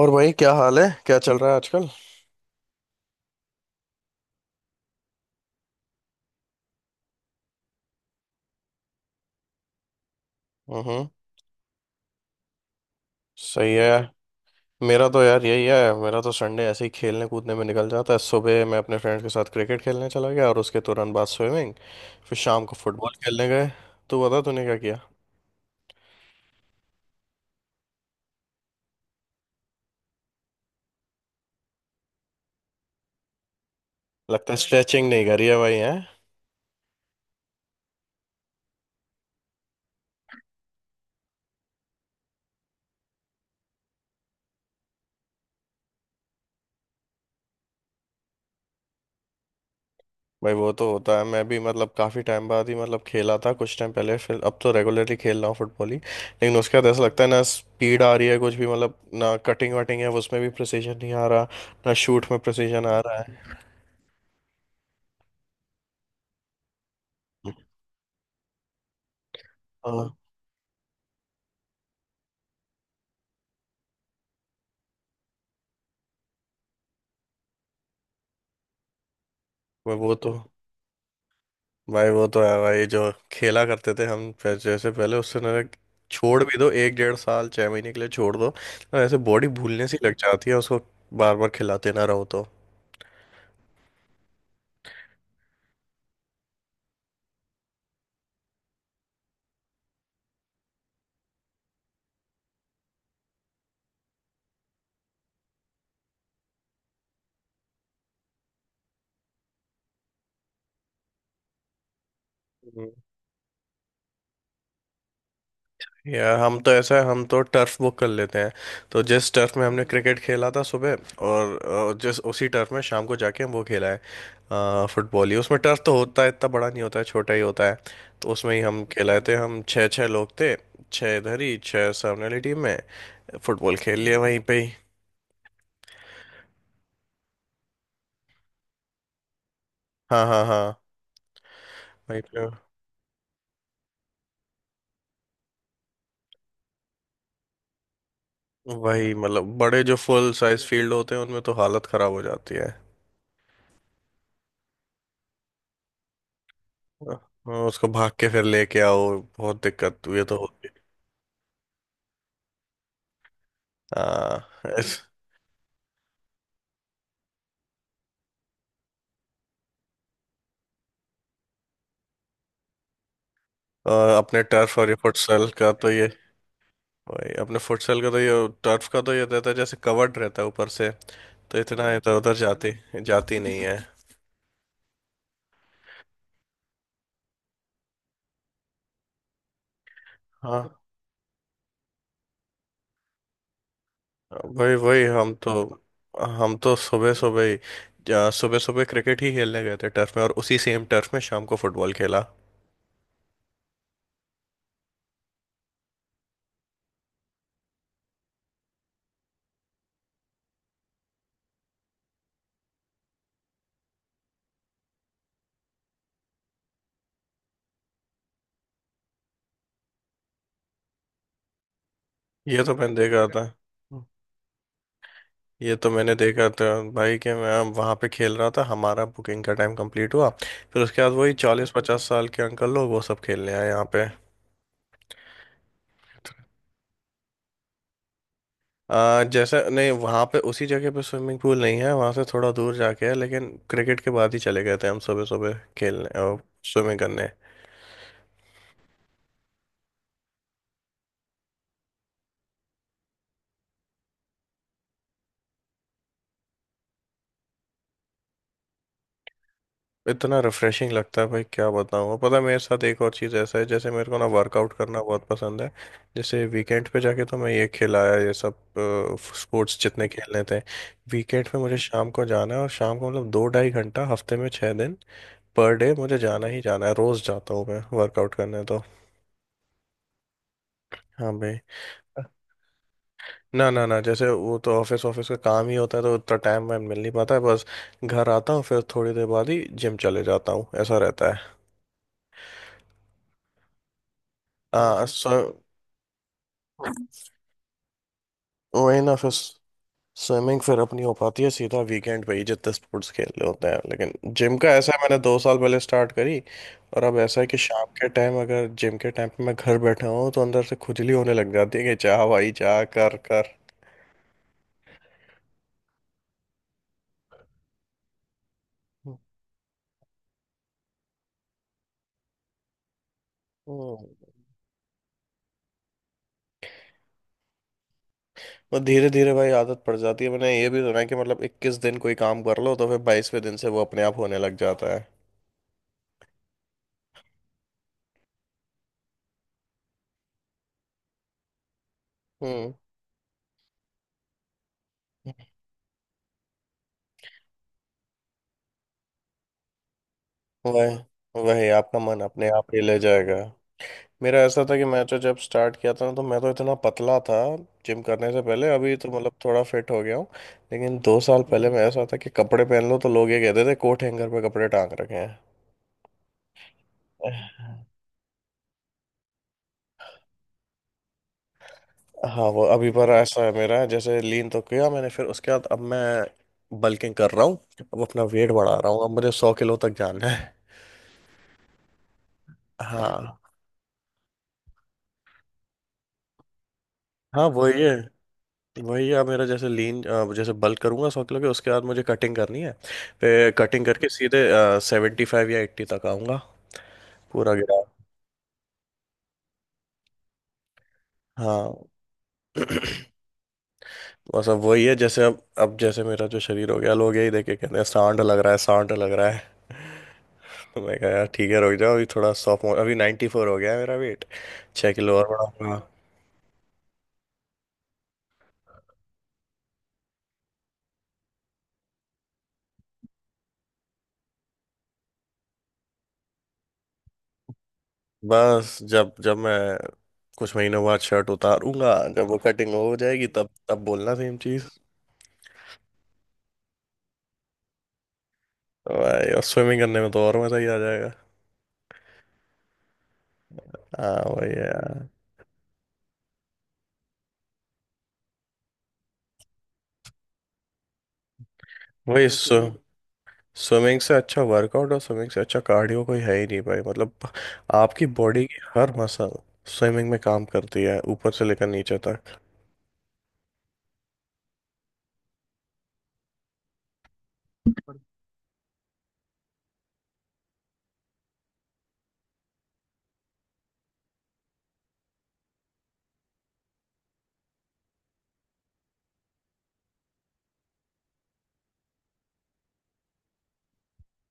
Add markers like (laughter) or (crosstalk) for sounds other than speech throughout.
और भाई क्या हाल है? क्या चल रहा है आजकल? हम्म। सही है। मेरा तो यार यही है, मेरा तो संडे ऐसे ही खेलने कूदने में निकल जाता है। सुबह मैं अपने फ्रेंड्स के साथ क्रिकेट खेलने चला गया और उसके तुरंत बाद स्विमिंग। फिर शाम को फुटबॉल खेलने गए। तू बता तूने क्या किया? लगता है स्ट्रेचिंग नहीं करी है भाई, है? भाई वो तो होता है। मैं भी मतलब काफ़ी टाइम बाद ही मतलब खेला था कुछ टाइम पहले, फिर अब तो रेगुलरली खेल रहा हूँ फुटबॉल ही। लेकिन उसके बाद ऐसा लगता है ना, स्पीड आ रही है कुछ भी, मतलब ना कटिंग वटिंग है उसमें भी प्रिसीजन नहीं आ रहा, ना शूट में प्रिसीजन आ रहा है। हाँ। वो तो भाई वो तो है भाई, जो खेला करते थे हम, फिर जैसे पहले उससे ना, छोड़ भी दो एक 1.5 साल, 6 महीने के लिए छोड़ दो, तो ऐसे बॉडी भूलने सी लग जाती है उसको, बार बार खिलाते ना रहो तो। हम्म। यार हम तो ऐसा है, हम तो टर्फ बुक कर लेते हैं। तो जिस टर्फ में हमने क्रिकेट खेला था सुबह और जिस उसी टर्फ में शाम को जाके हम वो खेला है, फुटबॉल ही। उसमें टर्फ तो होता है, इतना बड़ा नहीं होता है, छोटा ही होता है। तो उसमें ही हम खेलाए थे, हम छः छः लोग थे। छः इधर ही, छः सामने वाली टीम में। फुटबॉल खेल लिया वहीं पे ही। हाँ हाँ हाँ। वहीं पे वही मतलब बड़े जो फुल साइज फील्ड होते हैं उनमें तो हालत खराब हो जाती है। हाँ, उसको भाग के फिर लेके आओ, बहुत दिक्कत हुई तो होती है। हाँ इस- और अपने टर्फ और ये फुटसल का तो ये, वही अपने फुटसल का तो ये, टर्फ का तो ये रहता है जैसे कवर्ड रहता है ऊपर से, तो इतना इधर उधर जाती जाती नहीं है। हाँ। वही वही हम तो सुबह सुबह ही सुबह सुबह क्रिकेट ही खेलने गए थे टर्फ में, और उसी सेम टर्फ में शाम को फुटबॉल खेला। ये तो मैंने देखा था। ये तो मैंने देखा था भाई, कि मैं वहाँ पे खेल रहा था, हमारा बुकिंग का टाइम कंप्लीट हुआ, फिर उसके बाद वही 40-50 साल के अंकल लोग वो सब खेलने आए यहाँ पे। आ, जैसे नहीं वहाँ पे उसी जगह पे स्विमिंग पूल नहीं है, वहाँ से थोड़ा दूर जाके है, लेकिन क्रिकेट के बाद ही चले गए थे हम सुबह सुबह खेलने और स्विमिंग करने। इतना रिफ्रेशिंग लगता है भाई, क्या बताऊँ। पता है मेरे साथ एक और चीज़ ऐसा है, जैसे मेरे को ना वर्कआउट करना बहुत पसंद है। जैसे वीकेंड पे जाके तो मैं ये खिलाया ये सब स्पोर्ट्स जितने खेलने थे, वीकेंड पे मुझे शाम को जाना है। और शाम को मतलब 2-2.5 घंटा हफ्ते में 6 दिन पर डे मुझे जाना ही जाना है, रोज़ जाता हूँ मैं वर्कआउट करने तो। हाँ भाई। ना ना ना, जैसे वो तो ऑफिस ऑफिस का काम ही होता है, तो उतना टाइम मैं मिल नहीं पाता है। बस घर आता हूँ फिर थोड़ी देर बाद ही जिम चले जाता हूँ, ऐसा रहता है। हाँ सो, वही ना फिर स्विमिंग फिर अपनी हो पाती है सीधा वीकेंड पे ही जितने स्पोर्ट्स खेलने होते हैं, लेकिन जिम का ऐसा है मैंने 2 साल पहले स्टार्ट करी, और अब ऐसा है कि शाम के टाइम अगर जिम के टाइम पे मैं घर बैठा हूँ तो अंदर से खुजली होने लग जाती है कि चाह भाई चाह कर कर। हम्म। वो धीरे धीरे भाई आदत पड़ जाती है। मैंने ये भी सुना है कि मतलब 21 दिन कोई काम कर लो तो फिर 22वें दिन से वो अपने आप होने लग जाता है। हम्म। वही वही आपका मन अपने आप ही ले जाएगा। मेरा ऐसा था कि मैं तो जब स्टार्ट किया था तो मैं तो इतना पतला था जिम करने से पहले। अभी तो मतलब थोड़ा फिट हो गया हूँ, लेकिन 2 साल पहले मैं ऐसा था कि कपड़े पहन लो तो लोग ये कहते थे कोट हैंगर पे कपड़े टांग रखे हैं। (laughs) हाँ वो अभी पर ऐसा है मेरा, जैसे लीन तो किया मैंने, फिर उसके बाद अब मैं बल्किंग कर रहा हूँ। अब अपना वेट बढ़ा रहा हूँ, अब मुझे 100 किलो तक जाना है। हाँ हाँ वो ये, वही यार मेरा जैसे लीन, जैसे बल्क करूंगा 100 किलो के उसके बाद मुझे कटिंग करनी है, फिर कटिंग करके सीधे 75 या 80 तक आऊंगा, पूरा गिरा। हाँ। बस अब वही है, जैसे अब जैसे मेरा जो शरीर हो गया लोग यही देख के कहते हैं सांड लग रहा है, सांड लग रहा है। (laughs) तो मैं कहा यार ठीक है रुक जाओ, अभी थोड़ा सॉफ्ट, अभी 94 हो गया है मेरा वेट, 6 किलो और बढ़ाऊंगा। बस जब जब मैं कुछ महीनों बाद शर्ट उतारूंगा, जब वो कटिंग हो जाएगी, तब तब बोलना सेम चीज। तो भाई और स्विमिंग करने में तो और मजा ही आ जाएगा। हाँ वही है यार। वही बिल्कुल, स्विमिंग से अच्छा वर्कआउट और स्विमिंग से अच्छा कार्डियो कोई है ही नहीं भाई, मतलब आपकी बॉडी की हर मसल स्विमिंग में काम करती है, ऊपर से लेकर नीचे तक।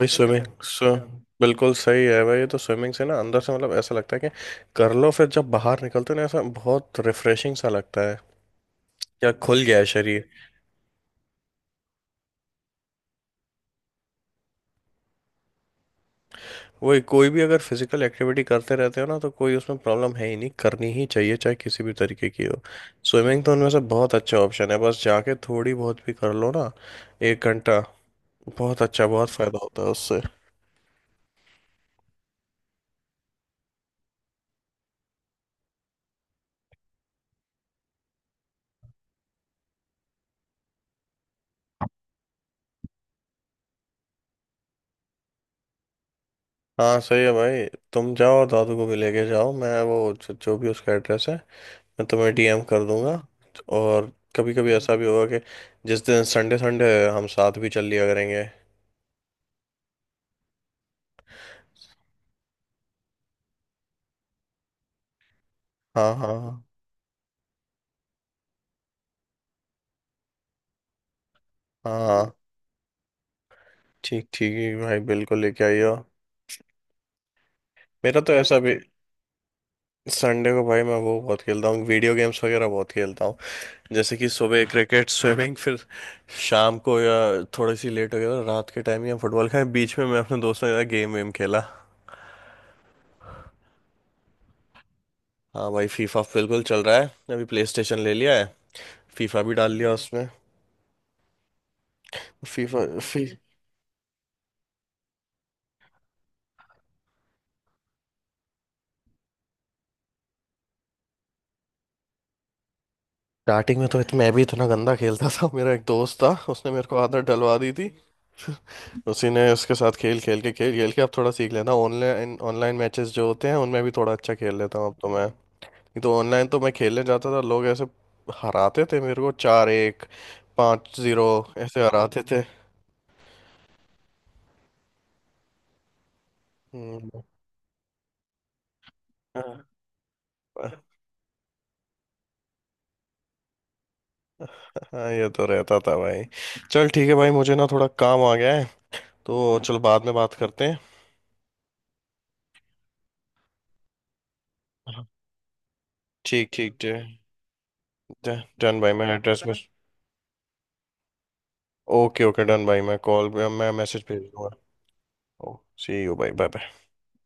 भाई सही स्विमिंग बात स्विम बिल्कुल सही है भाई, ये तो स्विमिंग से ना अंदर से मतलब ऐसा लगता है कि कर लो फिर जब बाहर निकलते हो ना, ऐसा बहुत रिफ्रेशिंग सा लगता है, क्या खुल गया है शरीर। वही, कोई भी अगर फिजिकल एक्टिविटी करते रहते हो ना तो कोई उसमें प्रॉब्लम है ही नहीं, करनी ही चाहिए चाहे किसी भी तरीके की हो। स्विमिंग तो उनमें से बहुत अच्छा ऑप्शन है, बस जाके थोड़ी बहुत भी कर लो ना 1 घंटा, बहुत अच्छा, बहुत फायदा होता है उससे। हाँ। सही है भाई। तुम जाओ और दादू को भी लेके जाओ, मैं वो जो भी उसका एड्रेस है मैं तुम्हें डीएम कर दूंगा। और कभी कभी ऐसा भी होगा कि जिस दिन संडे संडे है, हम साथ भी चल लिया करेंगे। हाँ हाँ हाँ। हाँ, ठीक ठीक है भाई, बिल्कुल लेके आइयो। मेरा तो ऐसा भी, संडे को भाई मैं वो बहुत खेलता हूँ वीडियो गेम्स वगैरह बहुत खेलता हूँ, जैसे कि सुबह क्रिकेट स्विमिंग, फिर शाम को या थोड़ी सी लेट हो गया तो रात के टाइम या फुटबॉल खेला, बीच में मैं अपने दोस्तों के साथ गेम वेम खेला। हाँ भाई, फीफा बिल्कुल चल रहा है। अभी प्ले स्टेशन ले लिया है, फीफा भी डाल लिया उसमें। फीफा फी, स्टार्टिंग में तो मैं भी इतना गंदा खेलता था। मेरा एक दोस्त था उसने मेरे को आदत डलवा दी थी, उसी ने उसके साथ खेल खेल के अब थोड़ा सीख लेता हूँ। ऑनलाइन ऑनलाइन मैचेस जो होते हैं उनमें भी थोड़ा अच्छा खेल लेता हूँ अब तो मैं। ये तो ऑनलाइन तो मैं खेलने जाता था, लोग ऐसे हराते थे मेरे को, 4-1, 5-0, ऐसे हराते थे। हम्म। हाँ हाँ, ये तो रहता था भाई। चल ठीक है भाई, मुझे ना थोड़ा काम आ गया है, तो चल बाद में बात करते हैं। हाँ। ठीक ठीक, डन भाई मैं एड्रेस में। ओके ओके डन भाई, मैं मैसेज भेज दूंगा। ओ, सी यू भाई, बाय।